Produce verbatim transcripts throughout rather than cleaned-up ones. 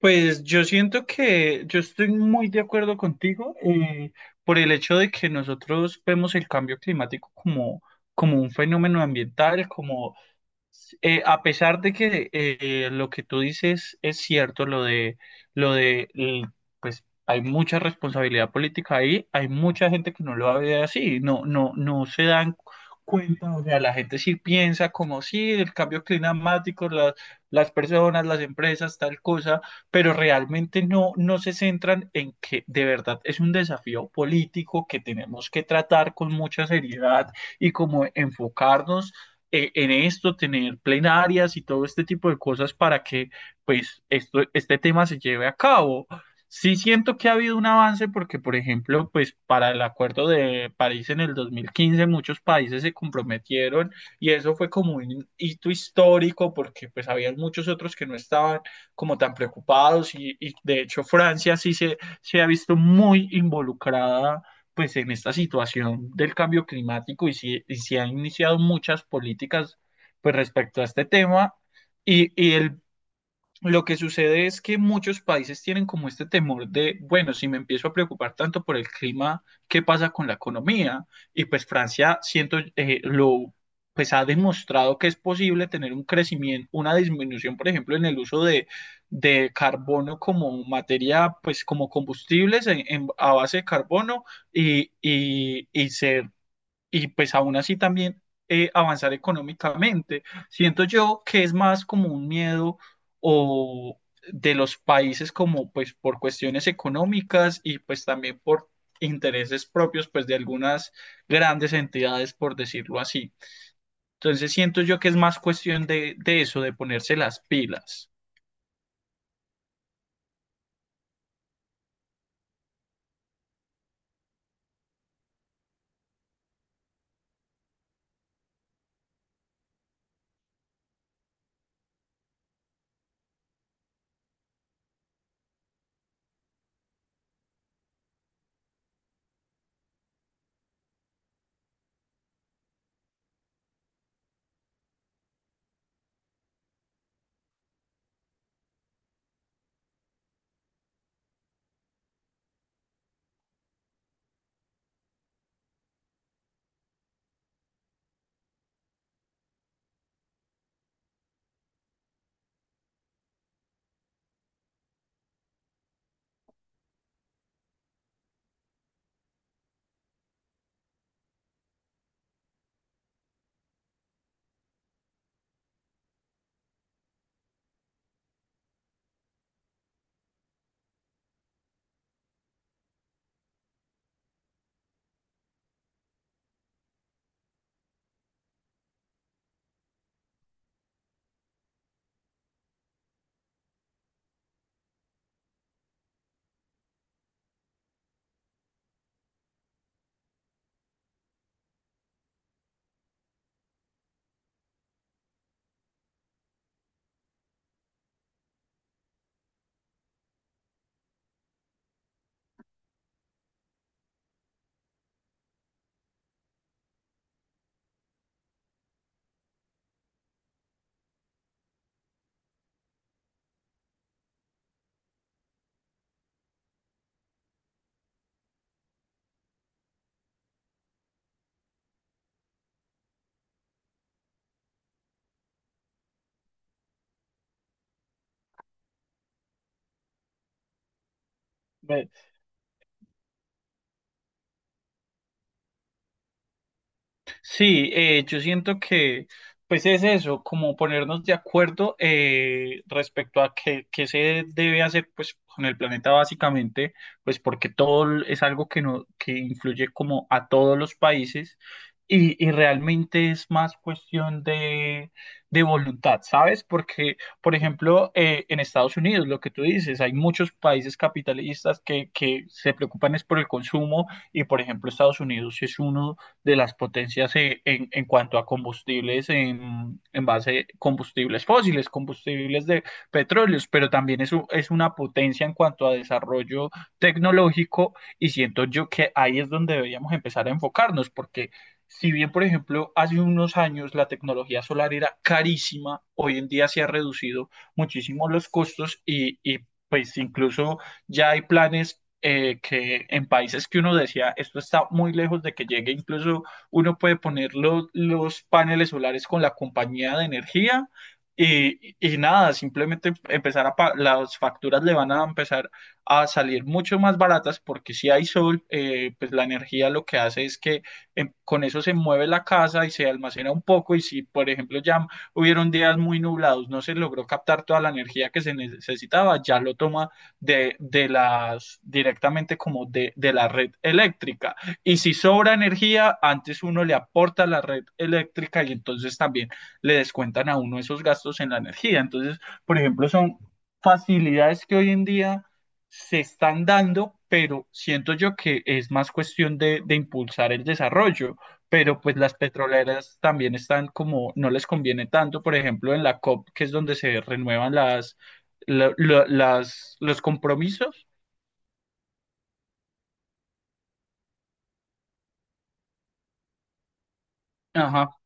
Pues yo siento que yo estoy muy de acuerdo contigo eh, por el hecho de que nosotros vemos el cambio climático como, como un fenómeno ambiental, como eh, a pesar de que eh, lo que tú dices es cierto, lo de, lo de, l- pues hay mucha responsabilidad política ahí. Hay mucha gente que no lo ve así, no, no, no se dan cu- cuenta. O sea, la gente sí piensa como sí, el cambio climático, las, las personas, las empresas, tal cosa, pero realmente no, no se centran en que de verdad es un desafío político que tenemos que tratar con mucha seriedad y como enfocarnos eh, en esto, tener plenarias y todo este tipo de cosas para que pues esto, este tema se lleve a cabo. Sí siento que ha habido un avance porque, por ejemplo, pues para el Acuerdo de París en el dos mil quince muchos países se comprometieron y eso fue como un hito histórico, porque pues había muchos otros que no estaban como tan preocupados y, y de hecho Francia sí se, se ha visto muy involucrada pues en esta situación del cambio climático, y si, y si ha iniciado muchas políticas pues respecto a este tema. Y, y el Lo que sucede es que muchos países tienen como este temor de, bueno, si me empiezo a preocupar tanto por el clima, ¿qué pasa con la economía? Y pues Francia, siento, eh, lo, pues ha demostrado que es posible tener un crecimiento, una disminución, por ejemplo, en el uso de, de carbono como materia, pues como combustibles en- en- a base de carbono, y, y, y se y pues aún así también eh, avanzar económicamente. Siento yo que es más como un miedo o de los países como pues por cuestiones económicas y pues también por intereses propios pues de algunas grandes entidades por decirlo así. Entonces siento yo que es más cuestión de, de eso, de ponerse las pilas. Sí, eh, yo siento que pues es eso, como ponernos de acuerdo eh, respecto a qué, qué se debe hacer pues con el planeta básicamente, pues porque todo l- es algo que no, que influye como a todos los países, y, y realmente es más cuestión de, de voluntad, ¿sabes? Porque, por ejemplo, eh, en Estados Unidos, lo que tú dices, hay muchos países capitalistas que, que se preocupan es por el consumo y, por ejemplo, Estados Unidos es uno de las potencias en, en, en cuanto a combustibles en, en base combustibles fósiles, combustibles de petróleos, pero también es, un- es una potencia en cuanto a desarrollo tecnológico, y siento yo que ahí es donde deberíamos empezar a enfocarnos, porque si bien, por ejemplo, hace unos años la tecnología solar era carísima, hoy en día se ha reducido muchísimo los costos y, y pues incluso ya hay planes eh, que en países que uno decía, esto está muy lejos de que llegue. Incluso uno puede poner lo- los paneles solares con la compañía de energía y, y nada, simplemente empezar a, pa- las facturas le van a empezar a salir mucho más baratas, porque si hay sol, eh, pues la energía lo que hace es que em, con eso se mueve la casa y se almacena un poco. Y si, por ejemplo, ya hubieron días muy nublados, no se logró captar toda la energía que se necesitaba, ya lo toma de, de las directamente, como de, de la red eléctrica. Y si sobra energía, antes uno le aporta a la red eléctrica y entonces también le descuentan a uno esos gastos en la energía. Entonces, por ejemplo, son facilidades que hoy en día se están dando, pero siento yo que es más cuestión de, de, impulsar el desarrollo, pero pues las petroleras también están como, no les conviene tanto, por ejemplo, en la COP, que es donde se renuevan las, la- la- las, los compromisos. Ajá.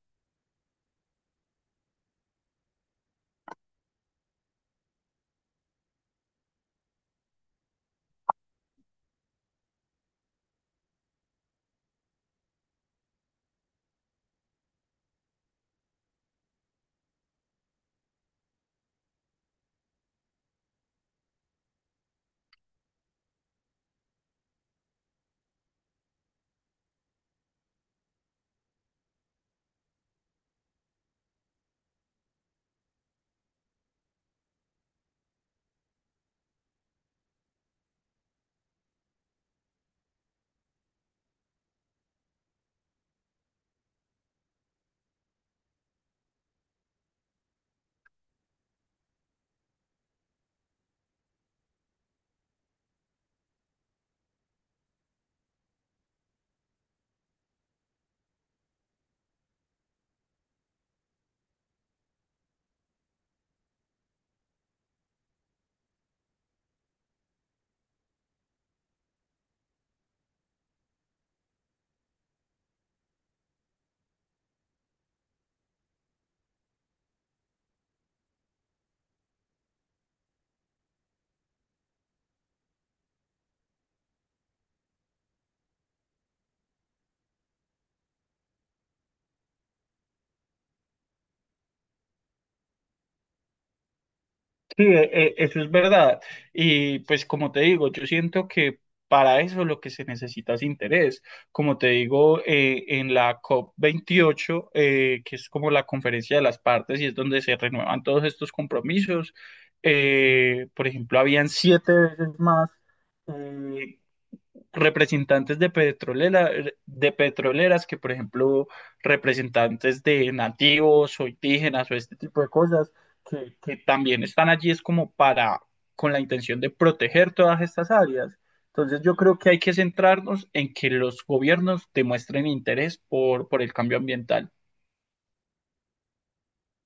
Sí, e- e- eso es verdad. Y pues como te digo, yo siento que para eso lo que se necesita es interés. Como te digo, eh, en la cop veintiocho eh, que es como la conferencia de las partes y es donde se renuevan todos estos compromisos, eh, por ejemplo, habían siete veces más eh, representantes de petrolera, de petroleras que, por ejemplo, representantes de nativos o indígenas o este tipo de cosas, que, que también están allí es como para, con la intención de proteger todas estas áreas. Entonces yo creo que hay que centrarnos en que los gobiernos demuestren interés por, por el cambio ambiental.